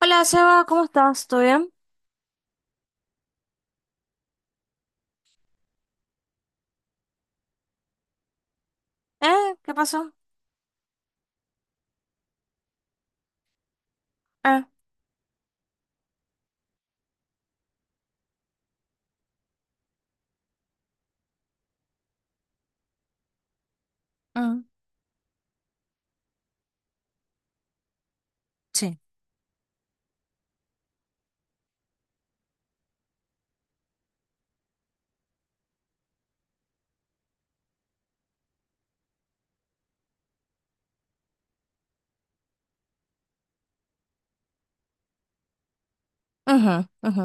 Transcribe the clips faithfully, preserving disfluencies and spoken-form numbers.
Hola Seba, ¿cómo estás? ¿Todo bien? ¿Eh? ¿Qué pasó? Eh, mm, sí. Ujú, ujú,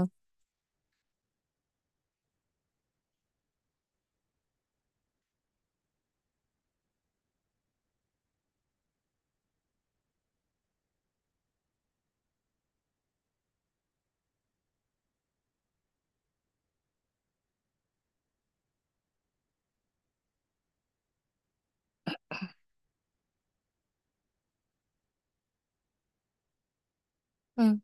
mm,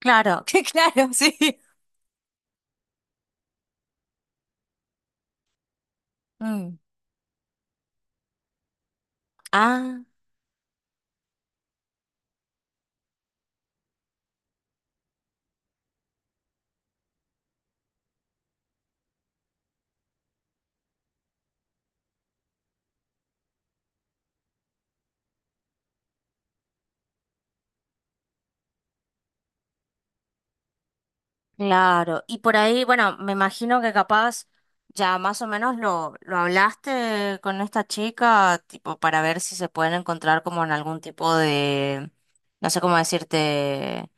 claro, que claro, sí. Mm, ah, claro. Y por ahí, bueno, me imagino que capaz ya más o menos lo, lo hablaste con esta chica, tipo, para ver si se pueden encontrar como en algún tipo de, no sé cómo decirte.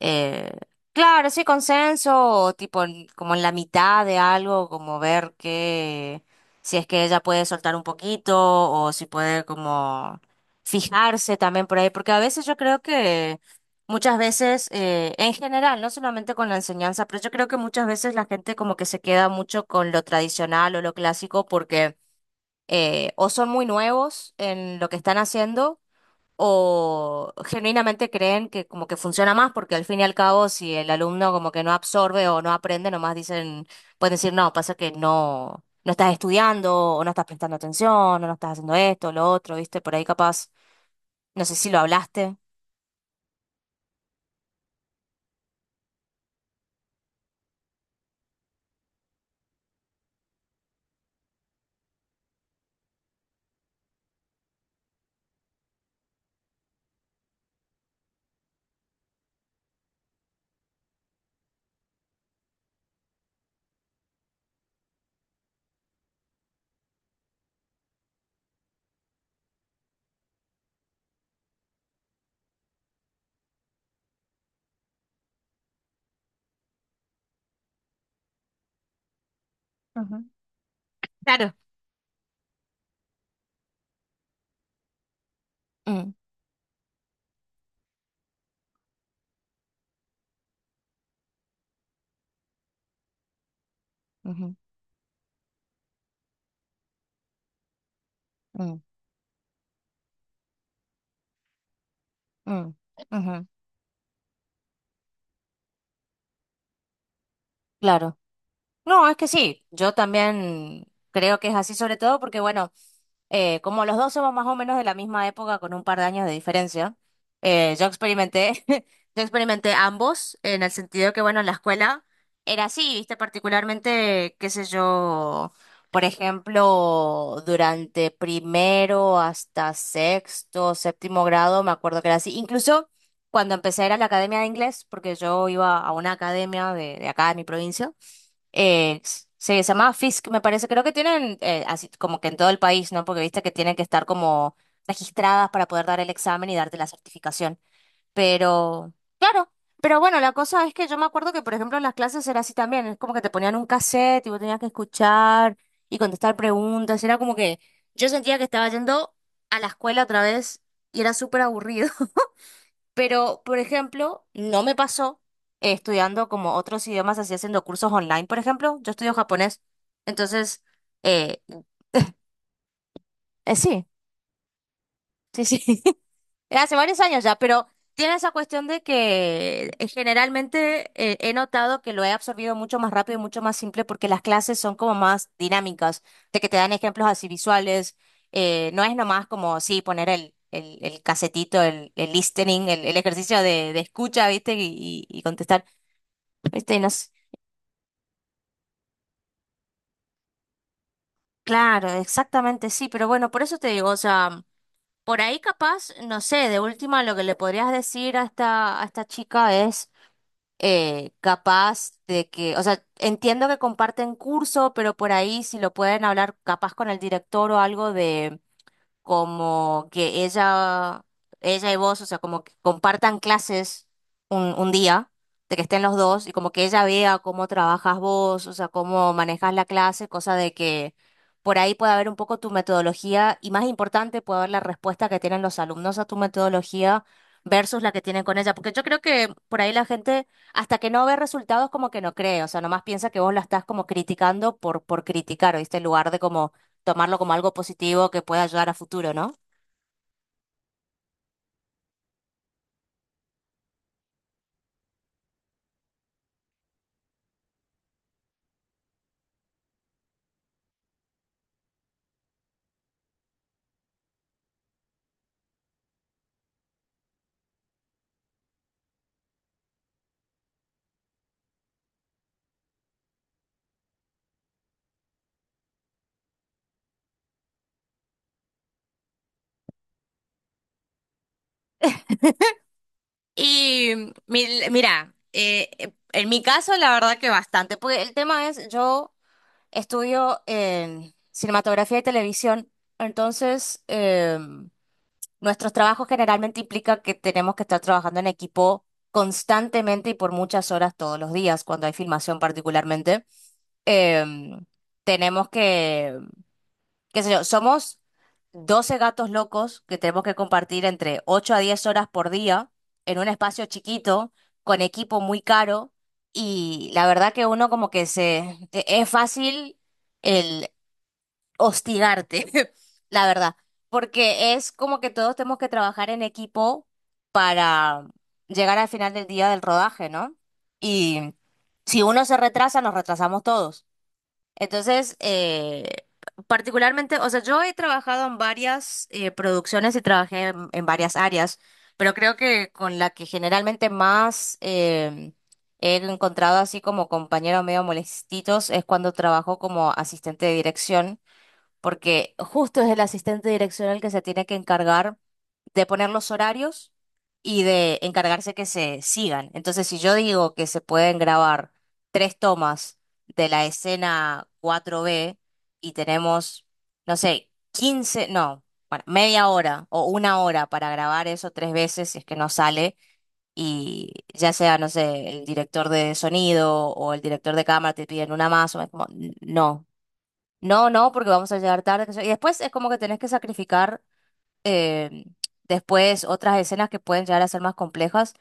Eh, claro, sí, consenso, o tipo en- como en la mitad de algo, como ver que si es que ella puede soltar un poquito o si puede como fijarse también por ahí, porque a veces yo creo que muchas veces, eh, en general, no solamente con la enseñanza, pero yo creo que muchas veces la gente como que se queda mucho con lo tradicional o lo clásico porque eh, o son muy nuevos en lo que están haciendo o genuinamente creen que como que funciona más, porque al fin y al cabo, si el alumno como que no absorbe o no aprende, nomás dicen, pueden decir, no, pasa que no, no estás estudiando, o no estás prestando atención, o no estás haciendo esto, lo otro, ¿viste? Por ahí capaz, no sé si lo hablaste. Ujú. Claro. Mm, ujú, mm, mm, ujú, claro. No, es que sí, yo también creo que es así, sobre todo porque, bueno, Eh, como los dos somos más o menos de la misma época, con un par de años de diferencia, eh, yo experimenté, yo experimenté ambos, en el sentido que, bueno, en la escuela era así, viste, particularmente, qué sé yo, por ejemplo, durante primero hasta sexto, séptimo grado, me acuerdo que era así. Incluso cuando empecé a ir a la academia de inglés, porque yo iba a una academia de, de acá de mi provincia, eh, se llamaba Fisk, me parece. Creo que tienen, eh, así como que en todo el país, ¿no? Porque viste que tienen que estar como registradas para poder dar el examen y darte la certificación. Pero, claro, pero bueno, la cosa es que yo me acuerdo que, por ejemplo, en las clases era así también. Es como que te ponían un cassette y vos tenías que escuchar y contestar preguntas. Era como que yo sentía que estaba yendo a la escuela otra vez y era súper aburrido. Pero, por ejemplo, no me pasó eh, estudiando como otros idiomas, así haciendo cursos online, por ejemplo. Yo estudio japonés. Entonces, eh, eh, sí, sí, sí. Hace varios años ya, pero tiene esa cuestión de que eh, generalmente eh, he notado que lo he absorbido mucho más rápido y mucho más simple porque las clases son como más dinámicas, de que te dan ejemplos así visuales. Eh, no es nomás como, sí, poner el, el, el casetito, el, el listening, el, el ejercicio de, de escucha, ¿viste? y y- y contestar. Este, no nos- claro, exactamente sí, pero bueno, por eso te digo, o sea, por ahí capaz, no sé, de última lo que le podrías decir a esta, a esta chica es eh, capaz de que, o sea, entiendo que comparten curso, pero por ahí si lo pueden hablar capaz con el director o algo como que ella, ella y vos, o sea, como que compartan clases un, un día, de que estén los dos, y como que ella vea cómo trabajas vos, o sea, cómo manejas la clase, cosa de que por ahí pueda haber un poco tu metodología, y más importante, puede haber la respuesta que tienen los alumnos a tu metodología versus la que tienen con ella, porque yo creo que por ahí la gente, hasta que no ve resultados, como que no cree, o sea, nomás piensa que vos la estás como criticando por, por criticar, ¿oíste? En lugar de como tomarlo como algo positivo que pueda ayudar a futuro, ¿no? Y mi- mira, eh, eh, en mi caso la verdad que bastante, porque el tema es, yo estudio en cinematografía y televisión, entonces em, nuestros trabajos generalmente implica que tenemos que estar trabajando en equipo constantemente y por muchas horas todos los días, cuando hay filmación particularmente. Em, tenemos que qué sé yo, somos doce gatos locos que tenemos que compartir entre ocho a diez horas por día en un espacio chiquito, con equipo muy caro, y la verdad que uno como que se. E- Es fácil el hostigarte, la verdad, porque es como que todos tenemos que trabajar en equipo para llegar al final del día del rodaje, ¿no? Y si uno se retrasa, nos retrasamos todos. Entonces, eh, particularmente, o sea, yo he trabajado en varias eh, producciones y trabajé en, en varias áreas, pero creo que con la que generalmente más eh, he encontrado así como compañeros medio molestitos es cuando trabajo como asistente de dirección porque justo es el asistente direccional que se tiene que encargar de poner los horarios y de encargarse que se sigan. Entonces, si yo digo que se pueden grabar tres tomas de la escena cuatro b y tenemos, no sé, quince, no, bueno, media hora o una hora para grabar eso tres veces si es que no sale. Y ya sea, no sé, el director de sonido o el director de cámara te piden una más, o es como, no, no, no, porque vamos a llegar tarde, que sé yo. Y después es como que tenés que sacrificar eh, después otras escenas que pueden llegar a ser más complejas.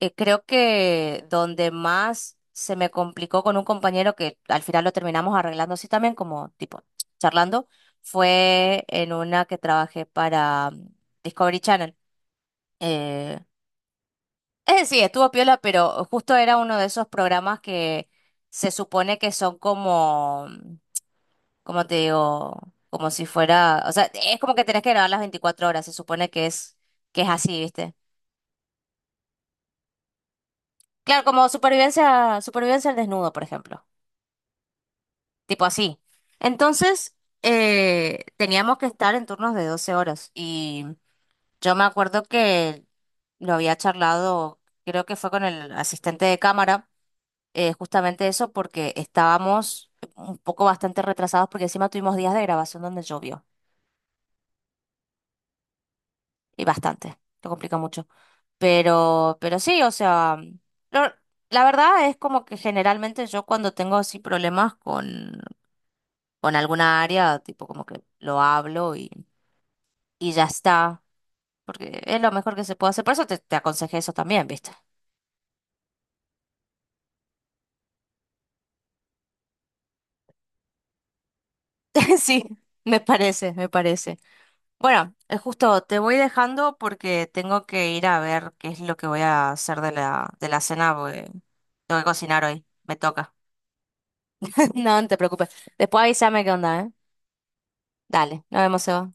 Eh, creo que donde más se me complicó con un compañero que al final lo terminamos arreglando así también, como tipo charlando, fue en una que trabajé para mm, Discovery Channel. Eh, es decir, estuvo piola, pero justo era uno de esos programas que se supone que son como mm, como te digo, como si fuera, o sea, es como que tenés que grabar las veinticuatro horas, se supone que es, que es así, ¿viste? Claro, como supervivencia, supervivencia al desnudo, por ejemplo, tipo así. Entonces, eh, teníamos que estar en turnos de doce horas y yo me acuerdo que lo había charlado, creo que fue con el asistente de cámara, eh, justamente eso porque estábamos un poco bastante retrasados porque encima tuvimos días de grabación donde llovió. Y bastante, lo complica mucho. Pero, pero sí, o sea, lo- la verdad es como que generalmente yo cuando tengo así problemas con, con alguna área, tipo como que lo hablo y, y ya está, porque es lo mejor que se puede hacer. Por eso te, te aconsejé eso también, ¿viste? Sí, me parece, me parece. Bueno, eh, justo te voy dejando porque tengo que ir a ver qué es lo que voy a hacer de la, de la cena, porque tengo que cocinar hoy, me toca. No, no te preocupes. Después avísame qué onda, ¿eh? Dale, nos vemos, Seba.